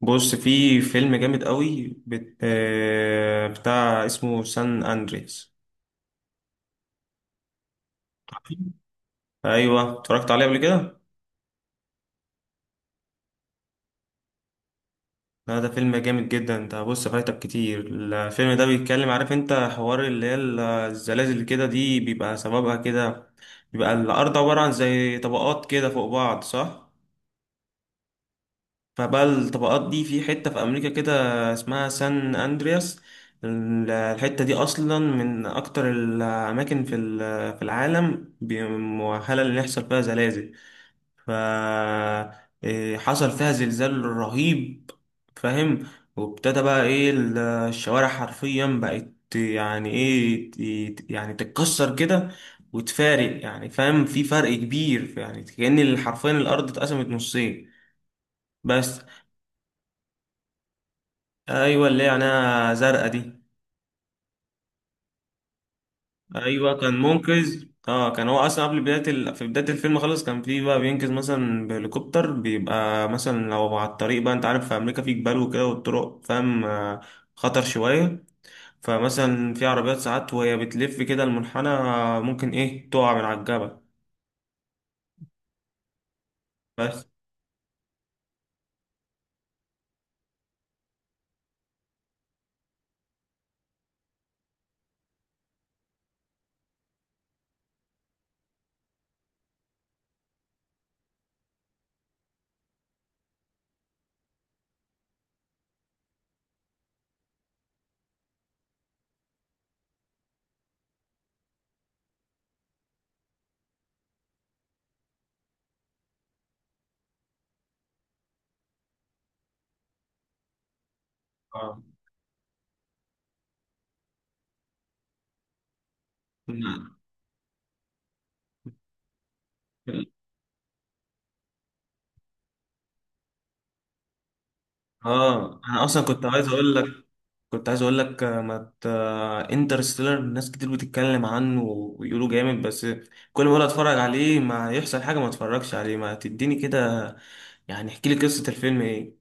بص، في فيلم جامد قوي بت... آه، بتاع اسمه سان اندريس. ايوه اتفرجت عليه قبل كده. لا، ده فيلم جامد جدا ده، بص فايتك كتير. الفيلم ده بيتكلم، عارف انت حوار اللي هي الزلازل كده دي بيبقى سببها كده. بيبقى الارض عبارة عن زي طبقات كده فوق بعض، صح؟ فبقى الطبقات دي في حتة في أمريكا كده اسمها سان أندرياس. الحتة دي أصلا من أكتر الأماكن في في العالم مؤهلة إن يحصل فيها زلازل. ف حصل فيها زلزال رهيب، فاهم؟ وابتدى بقى الشوارع حرفيا بقت يعني إيه، يعني تتكسر كده وتفارق، يعني فاهم؟ في فرق كبير، يعني كأن حرفيا الأرض اتقسمت نصين. بس. ايوه، اللي هي عينيها زرقاء دي. ايوه، كان منقذ. اه، كان هو اصلا قبل بدايه في بدايه الفيلم خالص كان في بقى بينقذ مثلا بهليكوبتر. بيبقى مثلا لو على الطريق، بقى انت عارف في امريكا في جبال وكده، والطرق فاهم خطر شويه. فمثلا في عربيات ساعات وهي بتلف كده المنحنى ممكن ايه تقع من على الجبل. بس. اه اه انا اصلا كنت عايز اقول لك، كنت عايز اقول لك آه، ما ت... انترستيلر ناس كتير بتتكلم عنه ويقولوا جامد، بس كل ما اقول اتفرج عليه ما يحصل حاجه، ما اتفرجش عليه. ما تديني كده يعني، احكي لي قصه الفيلم ايه؟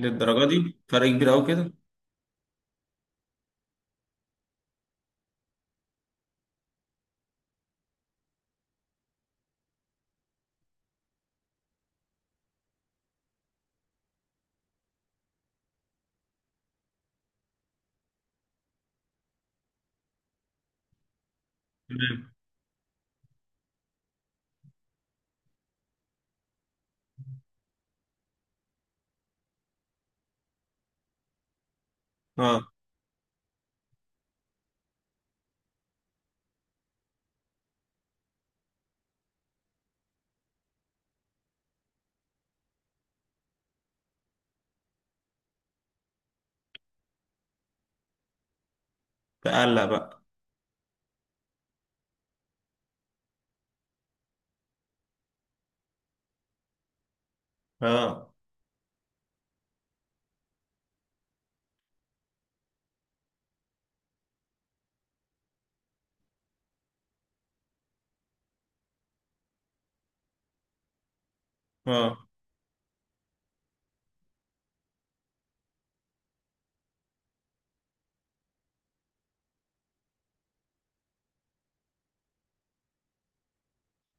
للدرجه دي؟ فرق كبير قوي كده؟ تمام. اه. تقلق بقى. اه. اه،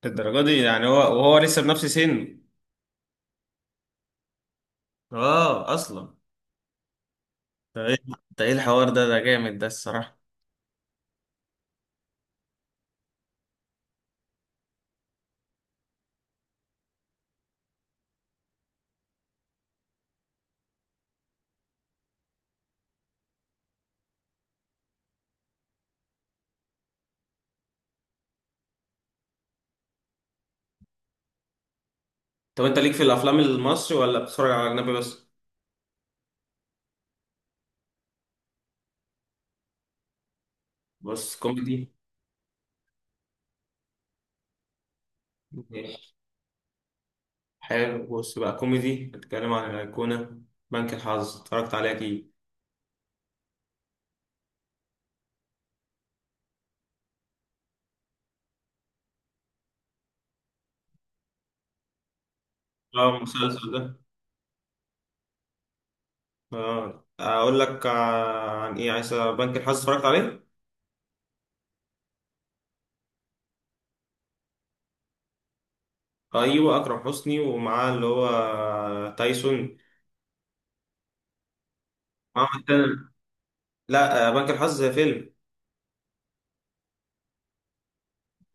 للدرجه دي؟ يعني هو وهو لسه بنفس سنه؟ اه، اصلا ده ايه؟ ده إيه الحوار ده؟ ده جامد ده الصراحه. طب انت ليك في الافلام المصري ولا بتتفرج على اجنبي بس؟ بس كوميدي. حلو. بص بقى، كوميدي. بتتكلم عن الأيقونة؟ بنك الحظ اتفرجت عليه أكيد. اه، المسلسل ده؟ اه، أقول لك عن إيه عايز؟ بنك الحظ اتفرجت عليه؟ أيوه، أكرم حسني، ومعاه اللي هو تايسون. معاه التاني. لا بنك الحظ فيلم.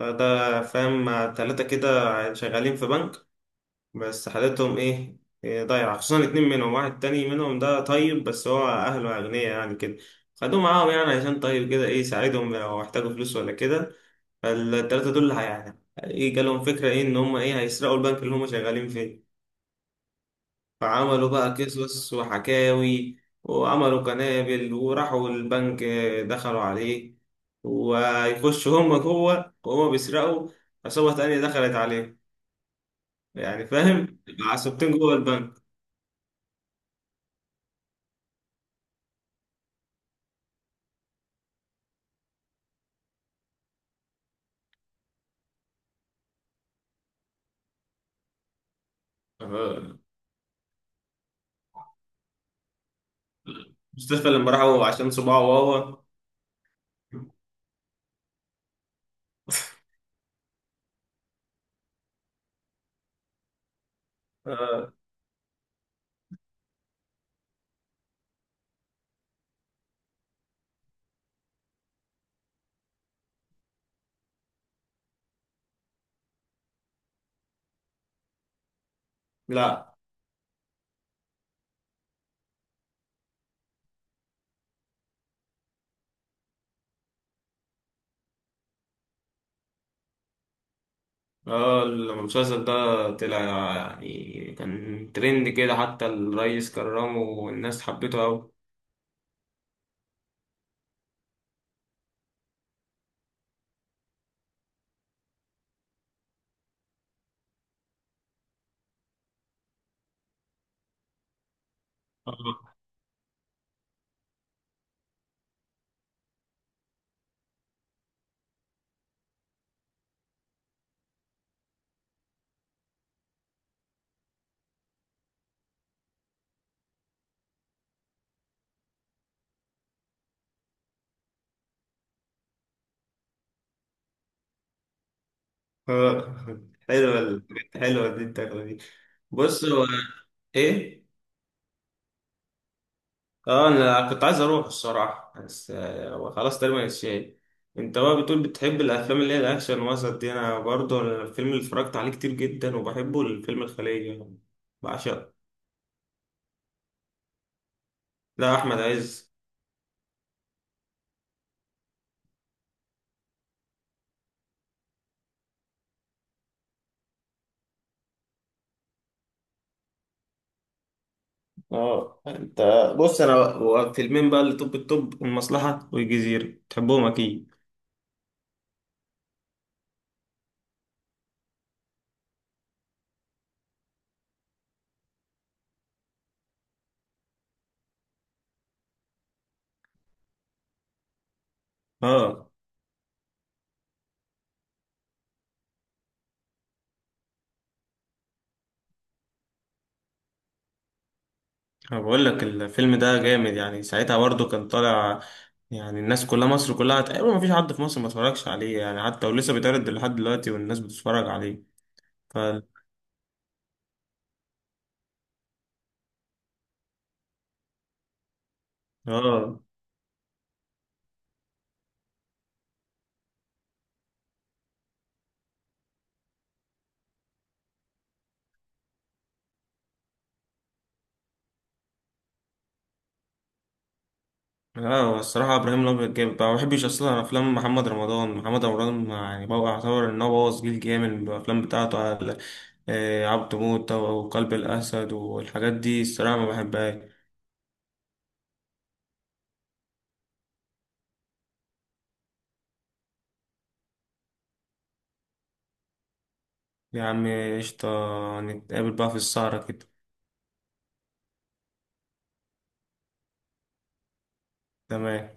ده فاهم تلاتة كده شغالين في بنك، بس حالتهم إيه؟ ضايعة. خصوصا الاتنين منهم. واحد تاني منهم ده طيب، بس هو أهله أغنياء يعني، كده خدوه معاهم يعني عشان طيب كده إيه، يساعدهم لو احتاجوا فلوس ولا كده. فالتلاتة دول يعني ايه، جالهم فكرة ايه، ان هم ايه، هيسرقوا البنك اللي هم شغالين فيه. فعملوا بقى قصص وحكاوي، وعملوا قنابل، وراحوا البنك دخلوا عليه. ويخشوا هم جوه وهم بيسرقوا، عصابة تانية دخلت عليه. يعني فاهم، عصابتين جوه البنك. آه، مصطفى لما راحوا عشان صباعه وهو آه، لا. اه، المسلسل ده طلع، يعني كان ترند كده، حتى الريس كرمه والناس حبته أوي. آه. آه. حلوة الحاجات حلوة دي، الدخلة دي. بص هو ايه. اه، انا كنت عايز اروح الصراحة بس هو خلاص تقريبا اتشال. انت بقى بتقول بتحب الافلام اللي هي الاكشن وسط دي، انا برضه الفيلم اللي اتفرجت عليه كتير جدا وبحبه الفيلم الخلية، بعشقه. لا، احمد عز. اه. انت، بص انا هو فيلمين بقى اللي توب التوب، المصلحة والجزيرة، تحبهم اكيد. اه، انا بقول لك الفيلم ده جامد. يعني ساعتها برضو كان طالع، يعني الناس كلها مصر كلها تقريبا ما فيش حد في مصر ما اتفرجش عليه يعني، حتى ولسه بيتعرض لحد دلوقتي والناس بتتفرج عليه. ف اه. اه، هو الصراحة إبراهيم الأبيض جامد. ما بحبش أصلا أفلام محمد رمضان. محمد رمضان يعني بقى يعتبر إن هو بوظ جيل جامد بالأفلام بتاعته على عبد موتة وقلب الأسد والحاجات دي، الصراحة ما بحبهاش. يا عم قشطة، نتقابل بقى في السهرة كده. تمام.